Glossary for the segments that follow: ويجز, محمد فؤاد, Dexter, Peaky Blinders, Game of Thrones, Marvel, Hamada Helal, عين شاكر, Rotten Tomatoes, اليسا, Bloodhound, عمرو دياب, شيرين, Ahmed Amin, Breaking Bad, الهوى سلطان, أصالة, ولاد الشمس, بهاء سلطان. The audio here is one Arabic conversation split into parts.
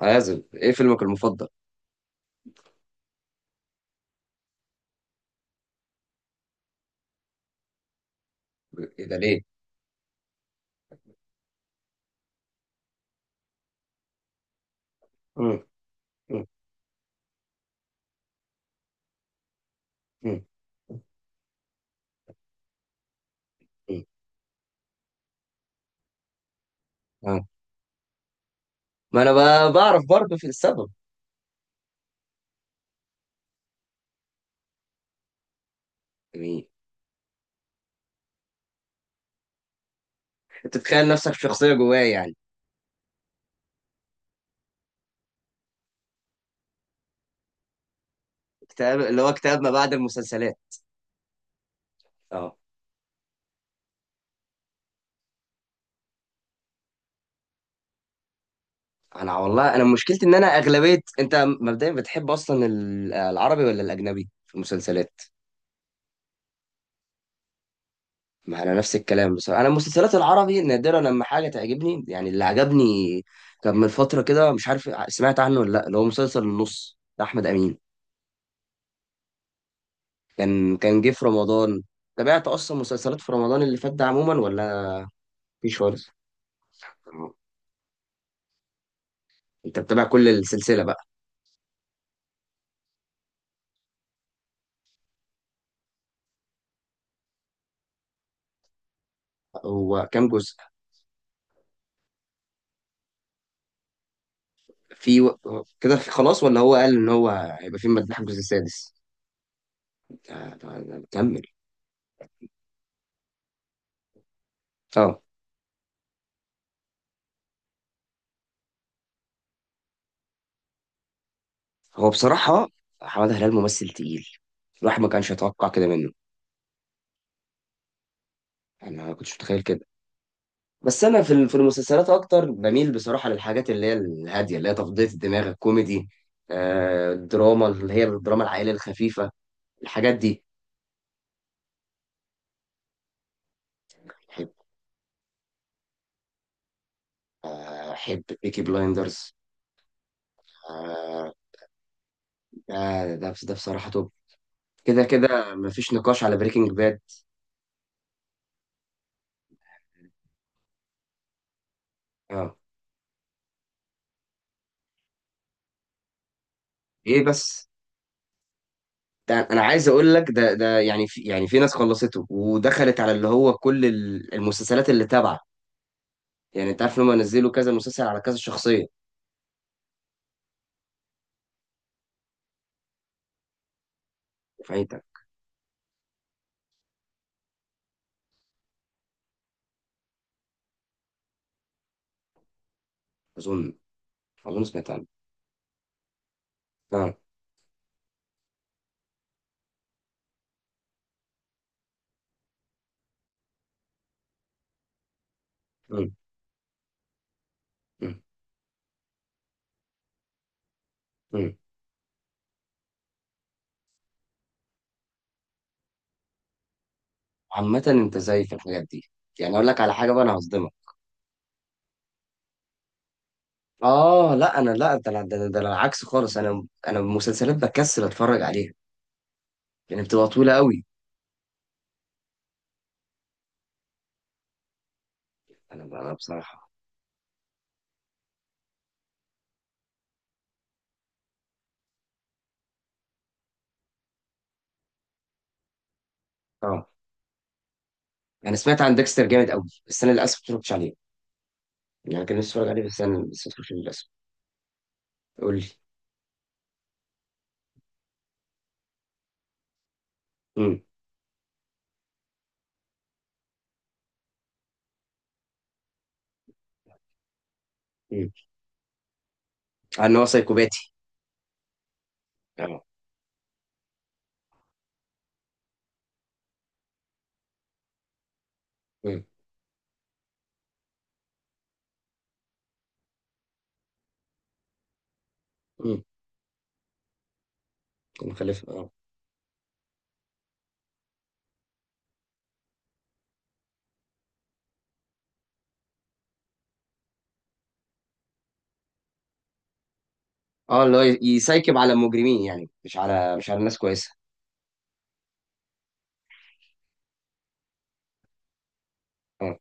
عازب، ايه فيلمك المفضل؟ إيه ده، ليه؟ مم. مم. مم. مم. آه. ما انا بعرف برضه في السبب. يعني انت تتخيل نفسك في شخصيه جواه يعني. كتاب اللي هو كتاب ما بعد المسلسلات. اه انا والله انا مشكلتي ان انا اغلبيه، انت مبدئيا بتحب اصلا العربي ولا الاجنبي في المسلسلات؟ ما انا نفس الكلام بصراحه، انا المسلسلات العربي نادرا لما حاجه تعجبني، يعني اللي عجبني كان من فتره كده، مش عارف سمعت عنه ولا لا، اللي هو مسلسل النص بتاع احمد امين، كان جه في رمضان. تابعت اصلا مسلسلات في رمضان اللي فات ده عموما ولا مفيش خالص؟ انت بتابع كل السلسله بقى؟ هو كام جزء؟ في و... كده في خلاص ولا هو قال ان هو هيبقى في مداح الجزء السادس؟ آه، طب كمل. اه، هو بصراحه حماده هلال ممثل تقيل، الواحد ما كانش يتوقع كده منه. انا ما كنتش متخيل كده. بس انا في في المسلسلات اكتر بميل بصراحه للحاجات اللي هي الهاديه، اللي هي تفضيه الدماغ، الكوميدي، آه، الدراما اللي هي الدراما العائليه الخفيفه، الحاجات دي. احب، احب بيكي بلايندرز. آه، ده ده بصراحة توب. كده كده مفيش نقاش على بريكنج باد. اه. ايه بس، ده انا عايز اقول لك، ده يعني في، يعني في ناس خلصته ودخلت على اللي هو كل المسلسلات اللي تابعه، يعني انت عارف ان هم نزلوا كذا مسلسل على كذا شخصية. فايتك. اظن، اظن سمعت عنه. اه. مم. مم. مم. عامة انت زي في الحاجات دي، يعني اقول لك على حاجة بقى، انا هصدمك. اه لا، انا لا، ده أنا العكس خالص، انا المسلسلات بكسل اتفرج عليها لان بتبقى طويله قوي. انا بصراحه، اه انا سمعت عن ديكستر جامد قوي، بس انا للاسف ما اتفرجتش عليه. يعني أنا كان نفسي اتفرج عليه بس انا لسه ما اتفرجتش عليه للاسف. قول لي. امم. امم، عن ان هو سايكوباتي. اه. امم. امم. كان مخلف اه. اه، اللي هو يسايكب على المجرمين، يعني مش على، مش على الناس كويسه. اه.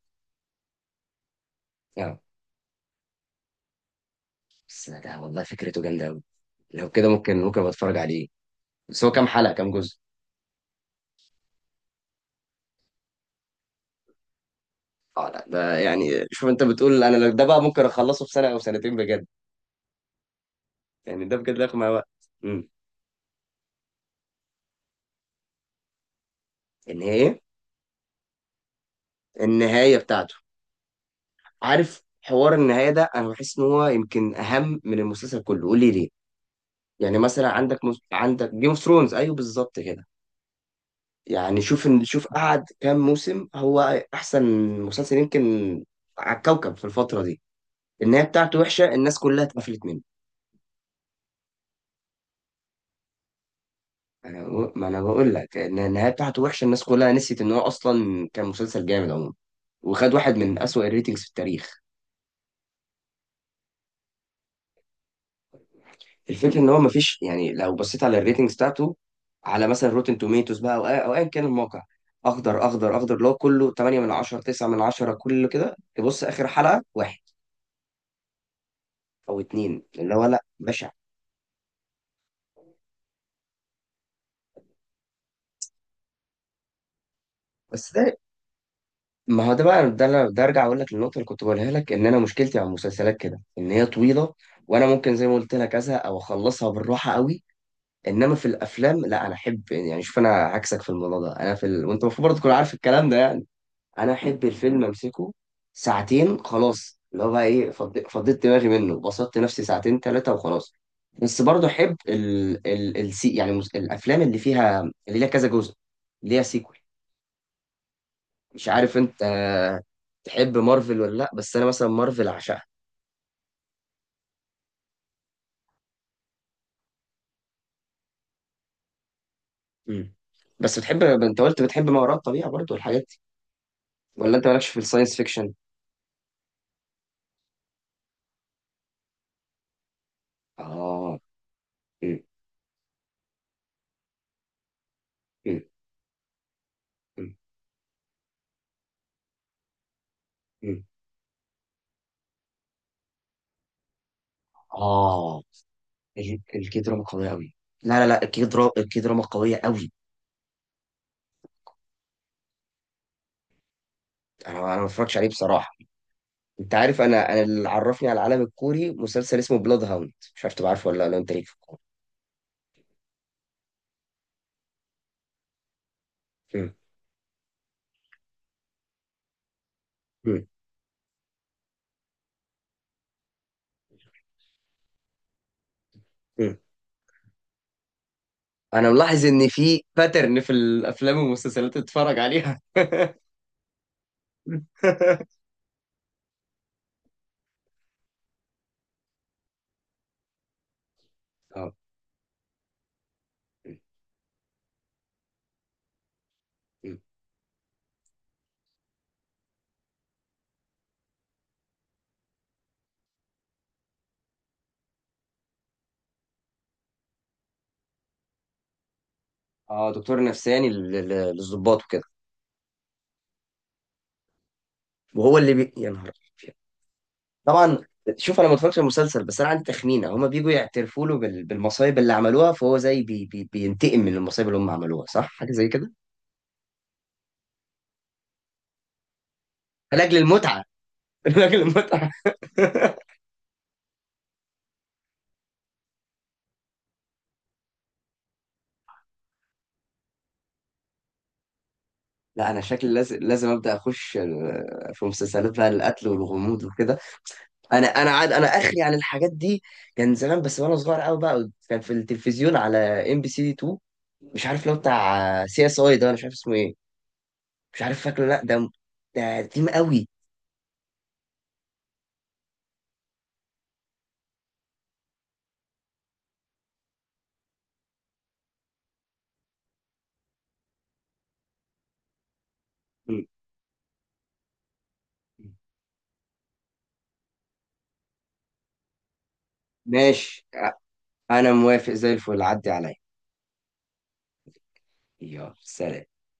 اه. بس ده والله فكرته جامده قوي، لو كده ممكن، ممكن أبقى اتفرج عليه. بس هو كام حلقه، كام جزء؟ اه لا ده يعني، شوف انت بتقول، انا لو ده بقى ممكن اخلصه في سنه او سنتين بجد. يعني ده بجد هياخد معايا وقت. امم. ان هي، النهايه بتاعته. عارف حوار النهايه ده، انا بحس ان هو يمكن اهم من المسلسل كله. قول لي ليه. يعني مثلا عندك عندك جيم اوف ثرونز، ايوه بالظبط كده. يعني شوف، ان شوف قعد كام موسم، هو احسن مسلسل يمكن على الكوكب في الفتره دي. النهايه بتاعته وحشه، الناس كلها اتقفلت منه. انا بقو- ما انا بقول لك ان النهايه بتاعته وحشه، الناس كلها نسيت ان هو اصلا كان مسلسل جامد عموما، وخد واحد من اسوأ الريتنجز في التاريخ. الفكره ان هو ما فيش، يعني لو بصيت على الريتنجز بتاعته على مثلا روتن توميتوز بقى، او او ايا كان الموقع، اخضر اخضر اخضر، اللي هو كله 8 من 10، 9 من 10، كله كده، تبص اخر حلقه واحد او اتنين اللي هو، لا بشع. بس ده، ما هو ده بقى، ده ارجع اقول لك النقطه اللي كنت بقولها لك، ان انا مشكلتي مع المسلسلات كده ان هي طويله، وانا ممكن زي ما قلت لك ازهق او اخلصها بالراحه قوي. انما في الافلام لا، انا احب، يعني شوف انا عكسك في الموضوع ده، انا في ال...، وانت المفروض برضه تكون عارف الكلام ده يعني، انا احب الفيلم امسكه ساعتين خلاص، اللي هو بقى ايه، فضيت دماغي منه، بسطت نفسي ساعتين ثلاثه وخلاص. بس برضه احب ال... ال... السي... يعني الافلام اللي فيها، اللي ليها كذا جزء، اللي ليها سيكوال. مش عارف انت تحب مارفل ولا لا، بس انا مثلا مارفل عشقها. مم. بس بتحب، انت قلت بتحب ما وراء الطبيعه برضه والحاجات دي، ولا انت مالكش في الساينس فيكشن؟ اه. مم. مم. مم. مم. اه، الكي دراما قوية قوي. لا لا لا، الكي دراما، الكي دراما قوية قوي. انا ما بتفرجش عليه بصراحة. انت عارف انا، انا اللي عرفني على العالم الكوري مسلسل اسمه بلاد هاوند، مش عارف تبقى عارفه ولا لا، انت ليك في الكوري؟ مم. مم. مم. انا ملاحظ ان في باترن في الافلام والمسلسلات اللي اتفرج عليها. اه. اه، دكتور نفساني للضباط وكده. وهو اللي بي...، يا نهار أبيض. طبعا. شوف انا ما اتفرجتش على المسلسل، بس انا عندي تخمينه، هما بيجوا يعترفوا له بالمصايب اللي عملوها، فهو زي بي بينتقم من المصايب اللي هم عملوها، صح؟ حاجه زي كده؟ لاجل المتعه. لاجل المتعه. لا انا شكلي لازم، لازم ابدا اخش في مسلسلات بقى القتل والغموض وكده. انا عاد انا اخري عن الحاجات دي. كان زمان بس وانا صغير قوي بقى، كان في التلفزيون على ام بي سي 2، مش عارف لو بتاع سي اس اي ده، انا مش عارف اسمه ايه، مش عارف فاكره لا ده، ده قديم قوي. ماشي، انا موافق زي الفل، عدي عليا. يلا سلام.